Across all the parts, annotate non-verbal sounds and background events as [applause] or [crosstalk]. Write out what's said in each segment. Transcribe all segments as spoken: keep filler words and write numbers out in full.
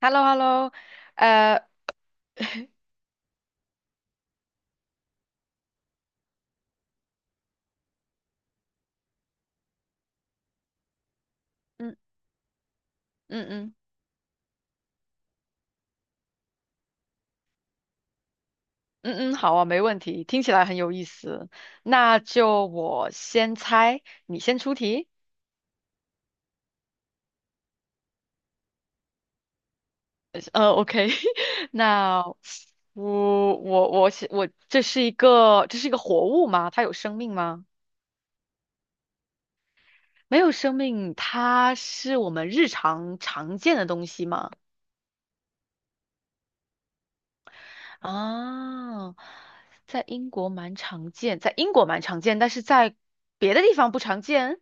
h e l l o h e l l o 呃，嗯嗯嗯嗯嗯，好啊，没问题，听起来很有意思。那就我先猜，你先出题。呃，OK，[laughs] 那我我我是我，这是一个这是一个活物吗？它有生命吗？没有生命，它是我们日常常见的东西吗？啊，在英国蛮常见，在英国蛮常见，但是在别的地方不常见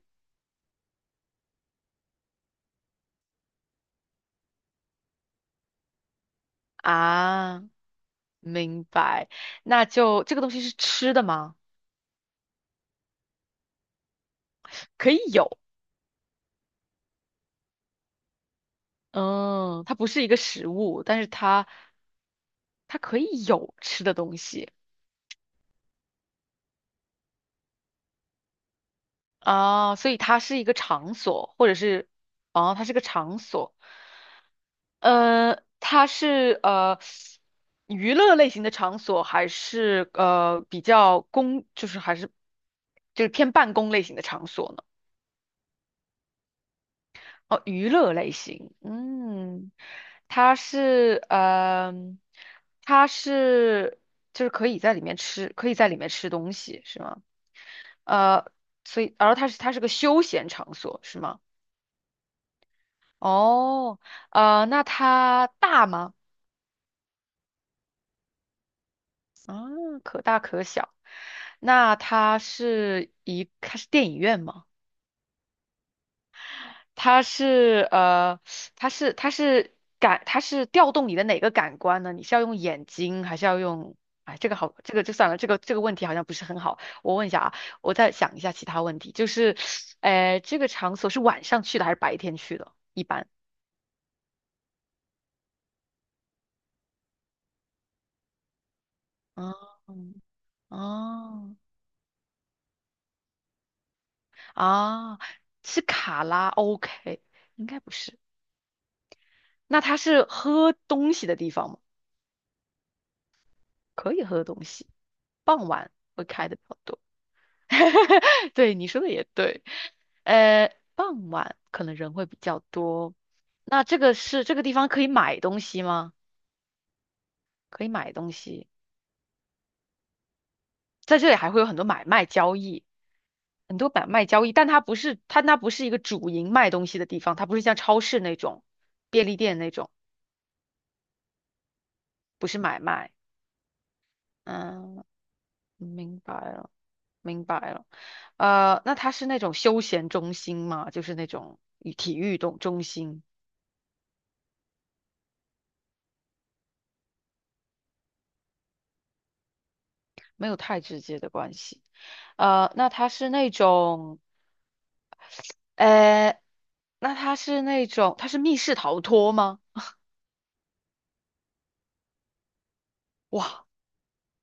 啊。明白。那就这个东西是吃的吗？可以有，嗯，它不是一个食物，但是它它可以有吃的东西啊，所以它是一个场所，或者是哦，它是个场所。呃，它是呃娱乐类型的场所，还是呃比较公，就是还是就是偏办公类型的场所呢？哦，娱乐类型，嗯，它是，呃，它是就是可以在里面吃，可以在里面吃东西，是吗？呃，所以，然后它是它是个休闲场所，是吗？哦，呃，那它大吗？啊，可大可小。那它是一，它是电影院吗？它是呃，它是它是感，它是调动你的哪个感官呢？你是要用眼睛，还是要用？哎，这个好，这个就算了，这个这个问题好像不是很好。我问一下啊，我再想一下其他问题，就是，呃，这个场所是晚上去的还是白天去的？一般，嗯，哦，啊，是卡拉 OK，应该不是。那它是喝东西的地方吗？可以喝东西，傍晚会开的比较多。[laughs] 对，你说的也对。呃，傍晚可能人会比较多。那这个是这个地方可以买东西吗？可以买东西，在这里还会有很多买卖交易，很多买卖交易，但它不是它那不是一个主营卖东西的地方，它不是像超市那种、便利店那种，不是买卖。嗯，明白了，明白了。呃，那它是那种休闲中心吗？就是那种体育动中心。没有太直接的关系。呃，那它是那种，呃，那它是那种，它是密室逃脱吗？哇，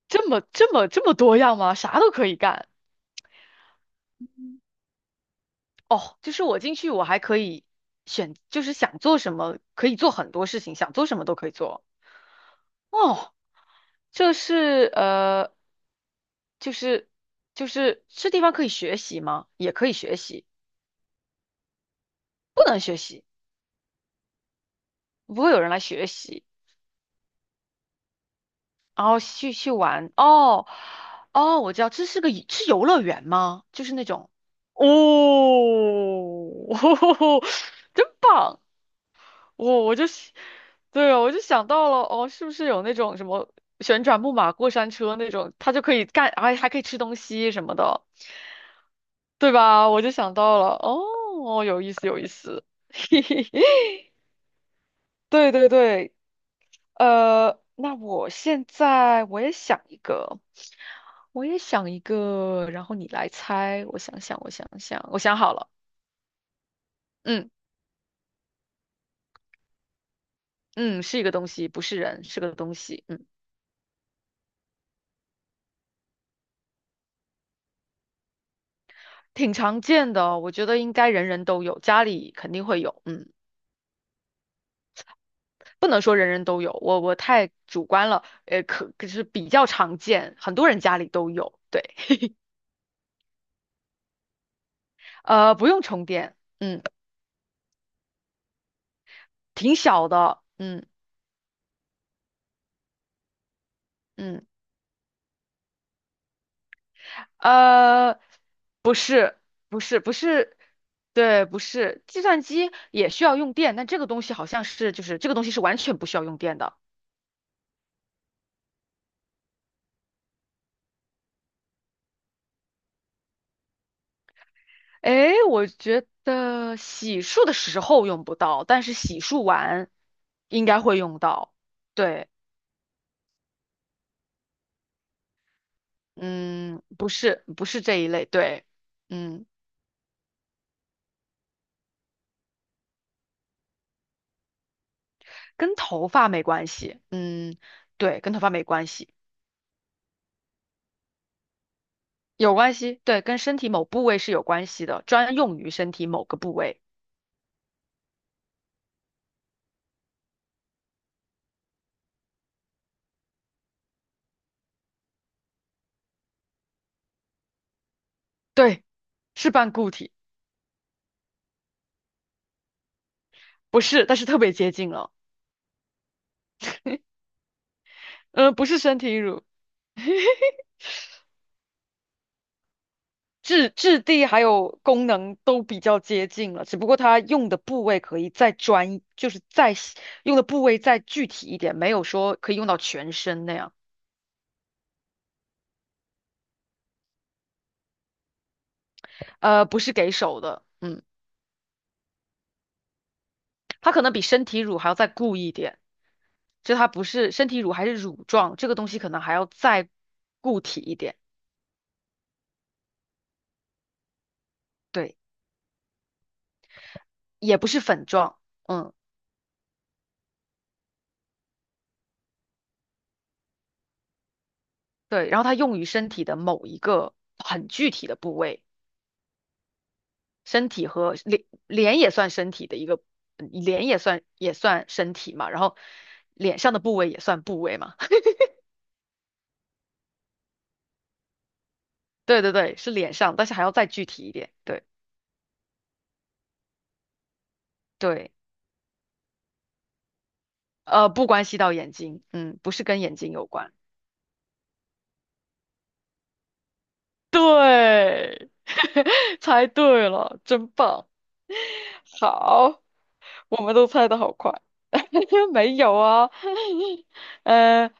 这么这么这么多样吗？啥都可以干。哦，就是我进去，我还可以选，就是想做什么可以做很多事情，想做什么都可以做。哦，这是呃，就是就是这地方可以学习吗？也可以学习，不能学习，不会有人来学习。然后去去玩。哦，哦，我知道，这是个是游乐园吗？就是那种，哦，[laughs] 真棒！我、我就喜，对啊，我就想到了，哦，是不是有那种什么旋转木马过山车那种，它就可以干，还还可以吃东西什么的，对吧？我就想到了，哦，有意思，有意思，[laughs] 对对对。呃，那我现在我也想一个，我也想一个，然后你来猜。我想想，我想想，我想好了。嗯嗯，是一个东西，不是人，是个东西。嗯，挺常见的哦，我觉得应该人人都有，家里肯定会有。嗯，不能说人人都有，我我太主观了。呃，可可是比较常见，很多人家里都有。对，呃，不用充电。嗯，挺小的。嗯嗯。呃，不是，不是，不是，对，不是，计算机也需要用电，但这个东西好像是，就是这个东西是完全不需要用电的。诶，我觉得洗漱的时候用不到，但是洗漱完应该会用到。对，嗯，不是，不是这一类，对，嗯，跟头发没关系，嗯，对，跟头发没关系，有关系，对，跟身体某部位是有关系的，专用于身体某个部位。对。是半固体，不是，但是特别接近了。嗯，不是身体乳，质质地还有功能都比较接近了，只不过它用的部位可以再专一就是再细用的部位再具体一点，没有说可以用到全身那样。呃，不是给手的，嗯，它可能比身体乳还要再固一点，就它不是身体乳还是乳状，这个东西可能还要再固体一点，对，也不是粉状，嗯，对，然后它用于身体的某一个很具体的部位。身体和脸脸也算身体的一个，嗯脸也算也算身体嘛，然后脸上的部位也算部位嘛。[laughs] 对对对，是脸上，但是还要再具体一点。对对，呃，不关系到眼睛，嗯，不是跟眼睛有关。对，[laughs] 猜对了，真棒。好，我们都猜的好快。[laughs] 没有啊，[laughs] 呃，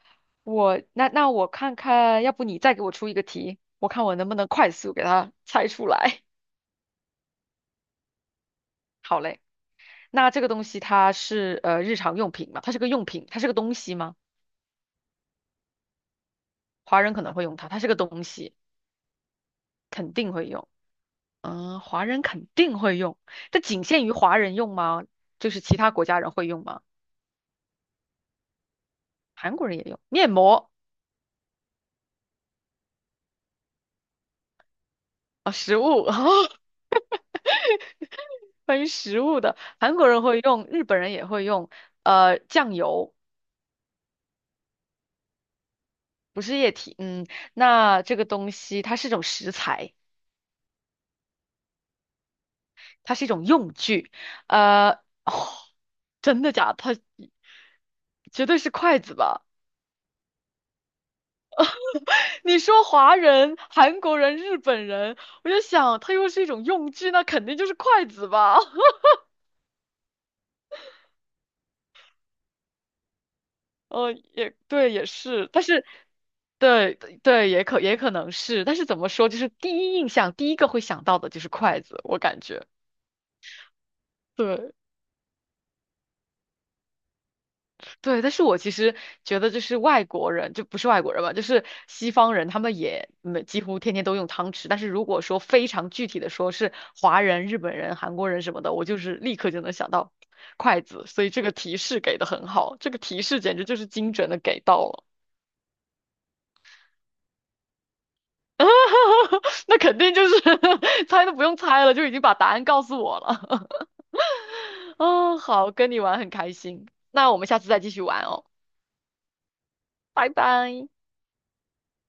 我那那我看看，要不你再给我出一个题，我看我能不能快速给它猜出来。好嘞，那这个东西它是呃日常用品嘛？它是个用品，它是个东西吗？华人可能会用它，它是个东西，肯定会用。嗯，华人肯定会用，这仅限于华人用吗？就是其他国家人会用吗？韩国人也用面膜啊，食物 [laughs]，关于食物的，韩国人会用，日本人也会用，呃，酱油不是液体，嗯，那这个东西它是一种食材，它是一种用具，呃，哦真的假的？它绝对是筷子吧？你说华人、韩国人、日本人，我就想它又是一种用具，那肯定就是筷子吧？[laughs] 呃，也对，也是，但是，对对，也可也可能是，但是怎么说，就是第一印象，第一个会想到的就是筷子，我感觉。对对，但是我其实觉得，就是外国人，就不是外国人吧，就是西方人，他们也没几乎天天都用汤匙。但是如果说非常具体的说，是华人、日本人、韩国人什么的，我就是立刻就能想到筷子。所以这个提示给的很好，这个提示简直就是精准的给到了。[laughs] 那肯定就是 [laughs] 猜都不用猜了，就已经把答案告诉我了。[laughs] 哦，好，跟你玩很开心，那我们下次再继续玩哦，拜拜。